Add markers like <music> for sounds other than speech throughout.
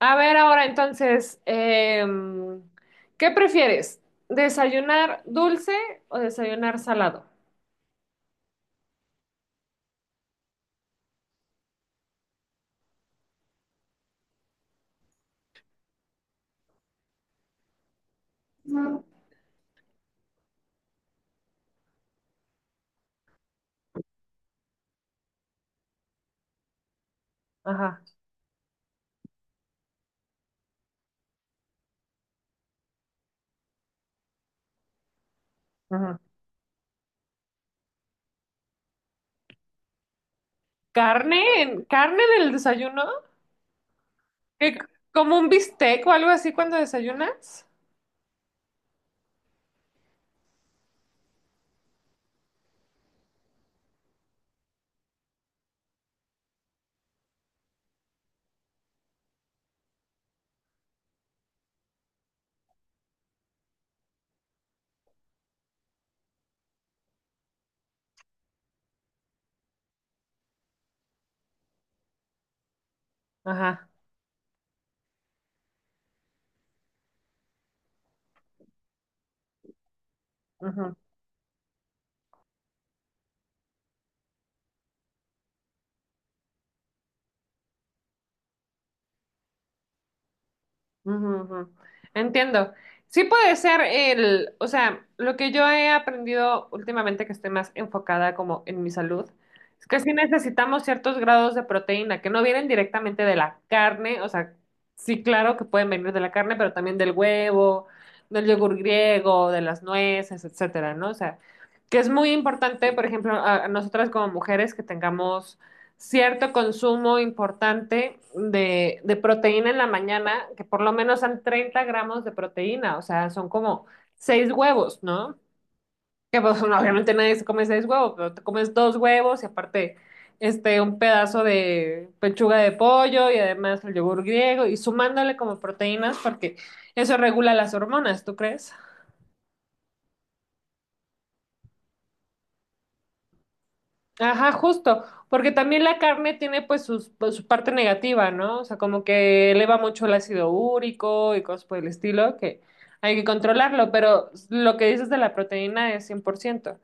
A ver ahora entonces, ¿qué prefieres? ¿Desayunar dulce o desayunar salado? Ajá, ajá. ¿Carne? ¿Carne en el desayuno? ¿Qué- como un bistec o algo así cuando desayunas? Ajá. Ujú, ujú. Entiendo. Sí puede ser el, o sea, lo que yo he aprendido últimamente que estoy más enfocada como en mi salud, es que sí necesitamos ciertos grados de proteína que no vienen directamente de la carne, o sea, sí, claro que pueden venir de la carne, pero también del huevo, del yogur griego, de las nueces, etcétera, ¿no? O sea, que es muy importante, por ejemplo, a nosotras como mujeres que tengamos cierto consumo importante de proteína en la mañana, que por lo menos son 30 gramos de proteína, o sea, son como seis huevos, ¿no? Que pues, <laughs> bueno, obviamente nadie se come seis huevos, pero te comes dos huevos y aparte este, un pedazo de pechuga de pollo y además el yogur griego y sumándole como proteínas porque eso regula las hormonas, ¿tú crees? Ajá, justo, porque también la carne tiene pues, su parte negativa, ¿no? O sea, como que eleva mucho el ácido úrico y cosas por el estilo, que hay que controlarlo, pero lo que dices de la proteína es 100%.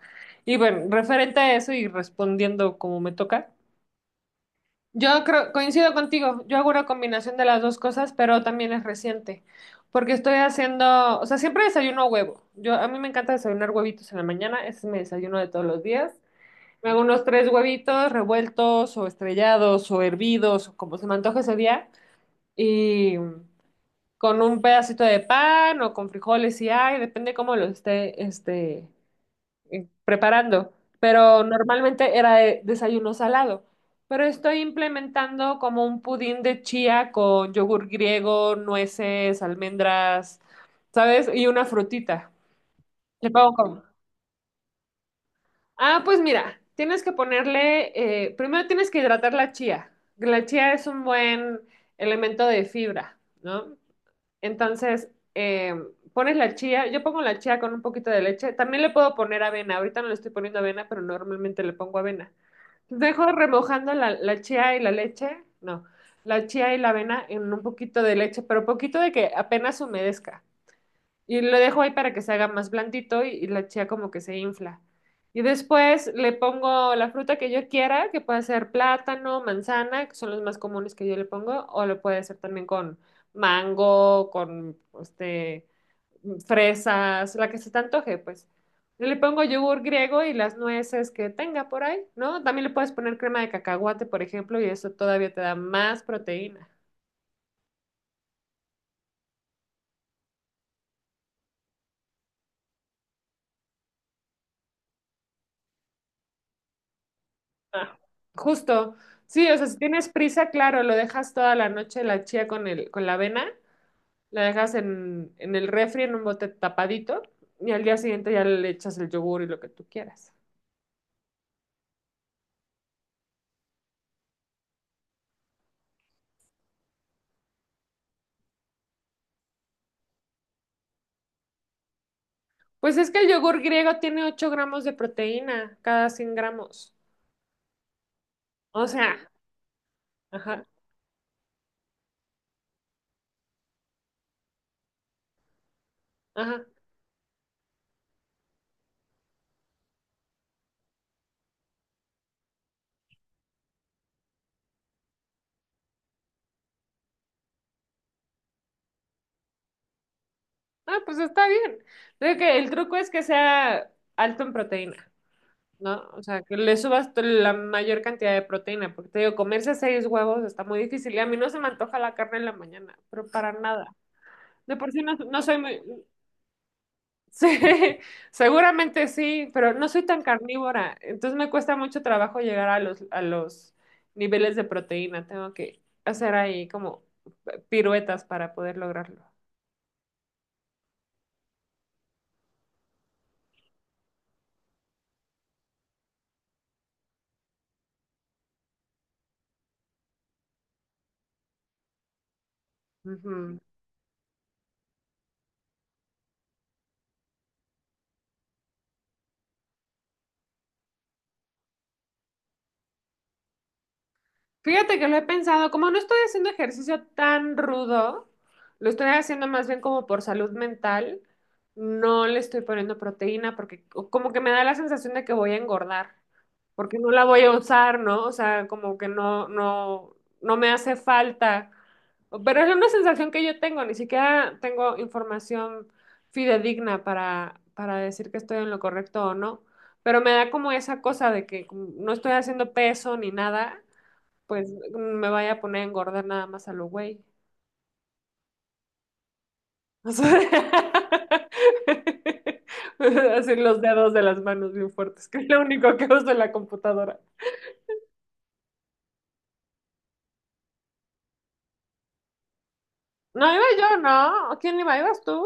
Y bueno, referente a eso y respondiendo como me toca, yo creo, coincido contigo, yo hago una combinación de las dos cosas, pero también es reciente, porque estoy haciendo, o sea, siempre desayuno huevo. Yo, a mí me encanta desayunar huevitos en la mañana, ese es mi desayuno de todos los días. Me hago unos tres huevitos revueltos o estrellados o hervidos o como se me antoje ese día y con un pedacito de pan o con frijoles si hay, depende cómo lo esté este, preparando. Pero normalmente era desayuno salado. Pero estoy implementando como un pudín de chía con yogur griego, nueces, almendras, ¿sabes? Y una frutita. Le pongo como. Ah, pues mira, tienes que ponerle, primero tienes que hidratar la chía. La chía es un buen elemento de fibra, ¿no? Entonces, eh, pones la chía, yo pongo la chía con un poquito de leche, también le puedo poner avena, ahorita no le estoy poniendo avena, pero normalmente le pongo avena. Dejo remojando la chía y la leche, no, la chía y la avena en un poquito de leche, pero poquito de que apenas humedezca. Y lo dejo ahí para que se haga más blandito y la chía como que se infla. Y después le pongo la fruta que yo quiera, que puede ser plátano, manzana, que son los más comunes que yo le pongo, o lo puede hacer también con mango, con este, fresas, la que se te antoje, pues. Yo le pongo yogur griego y las nueces que tenga por ahí, ¿no? También le puedes poner crema de cacahuate, por ejemplo, y eso todavía te da más proteína. Ah, justo. Sí, o sea, si tienes prisa, claro, lo dejas toda la noche la chía con el, con la avena, la dejas en el refri en un bote tapadito y al día siguiente ya le echas el yogur y lo que tú quieras. Pues es que el yogur griego tiene 8 gramos de proteína cada 100 gramos. O sea, ajá, ajá. Ah, pues está bien. Creo que el truco es que sea alto en proteína. ¿No? O sea, que le subas la mayor cantidad de proteína, porque te digo, comerse seis huevos está muy difícil y a mí no se me antoja la carne en la mañana, pero para nada. De por sí no, no soy muy. <laughs> Sí, seguramente sí, pero no soy tan carnívora, entonces me cuesta mucho trabajo llegar a los niveles de proteína, tengo que hacer ahí como piruetas para poder lograrlo. Ujú. Fíjate que lo he pensado, como no estoy haciendo ejercicio tan rudo, lo estoy haciendo más bien como por salud mental, no le estoy poniendo proteína porque como que me da la sensación de que voy a engordar, porque no la voy a usar, ¿no? O sea, como que no, no, no me hace falta. Pero es una sensación que yo tengo, ni siquiera tengo información fidedigna para decir que estoy en lo correcto o no. Pero me da como esa cosa de que como no estoy haciendo peso ni nada pues me vaya a poner a engordar nada más a lo güey. O sea, <laughs> así los dedos de las manos bien fuertes, que es lo único que uso en la computadora. No, iba yo, ¿no? ¿Quién iba? ¿Ibas tú?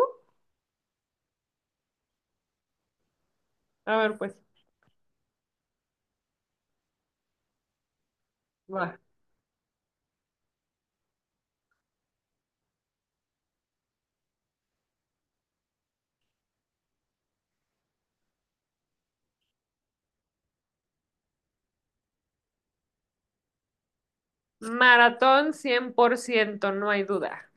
A ver, pues, va. Maratón 100% no hay duda.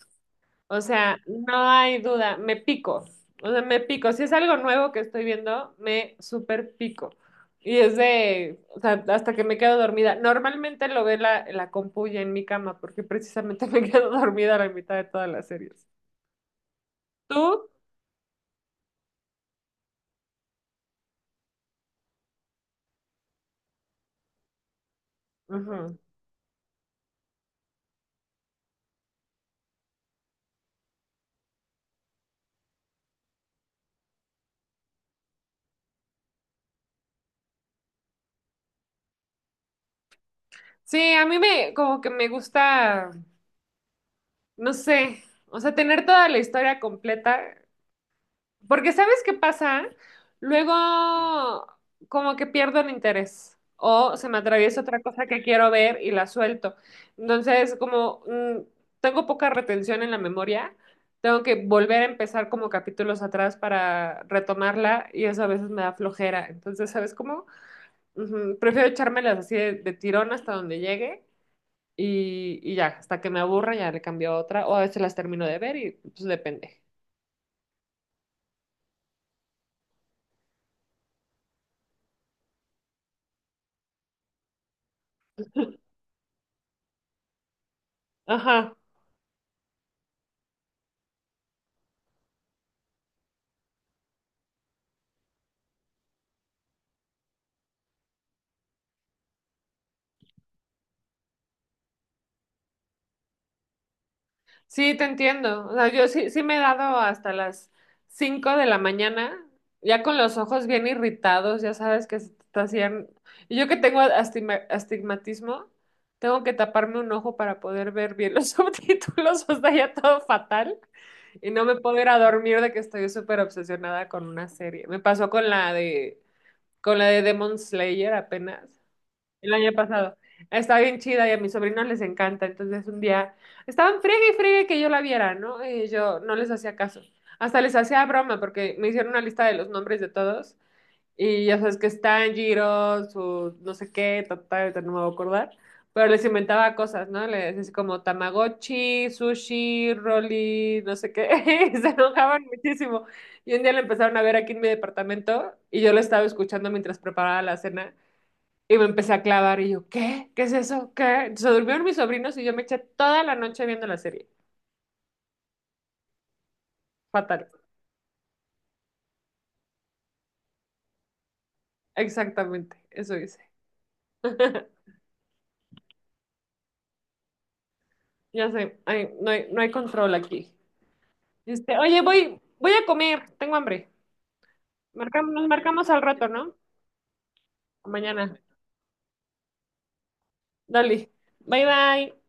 O sea, no hay duda, me pico. O sea, me pico. Si es algo nuevo que estoy viendo, me super pico. Y es de, o sea, hasta que me quedo dormida. Normalmente lo ve la compu ya en mi cama, porque precisamente <laughs> me quedo dormida a la mitad de todas las series. ¿Tú? Ujú. Sí, a mí me, como que me gusta, no sé, o sea, tener toda la historia completa. Porque ¿sabes qué pasa? Luego como que pierdo el interés o se me atraviesa otra cosa que quiero ver y la suelto. Entonces, como tengo poca retención en la memoria, tengo que volver a empezar como capítulos atrás para retomarla y eso a veces me da flojera. Entonces, ¿sabes cómo? Ujú. Prefiero echármelas así de tirón hasta donde llegue. Y ya, hasta que me aburra, ya le cambio a otra, o a veces las termino de ver y pues depende. Ajá. Sí, te entiendo. O sea, yo sí, sí me he dado hasta las 5 de la mañana, ya con los ojos bien irritados, ya sabes que se te hacían. Y yo que tengo astigmatismo, tengo que taparme un ojo para poder ver bien los <laughs> subtítulos, o sea, ya todo fatal. Y no me puedo ir a dormir de que estoy súper obsesionada con una serie. Me pasó con la de, Demon Slayer apenas. El año pasado. Está bien chida y a mis sobrinos les encanta. Entonces un día estaban friegue y friegue que yo la viera, ¿no? Y yo no les hacía caso. Hasta les hacía broma porque me hicieron una lista de los nombres de todos. Y ya sabes que están Giros, su no sé qué, total, no me voy a acordar. Pero les inventaba cosas, ¿no? Les decía como Tamagotchi, sushi, Rolly, no sé qué. <laughs> Y se enojaban muchísimo. Y un día lo empezaron a ver aquí en mi departamento y yo lo estaba escuchando mientras preparaba la cena. Y me empecé a clavar y yo, ¿qué? ¿Qué es eso? ¿Qué? Se durmieron mis sobrinos y yo me eché toda la noche viendo la serie. Fatal. Exactamente, eso hice. <laughs> Ya sé, ay, no hay, no hay control aquí. Este, oye, voy a comer, tengo hambre. Nos marcamos al rato, ¿no? Mañana. Dale. Bye bye.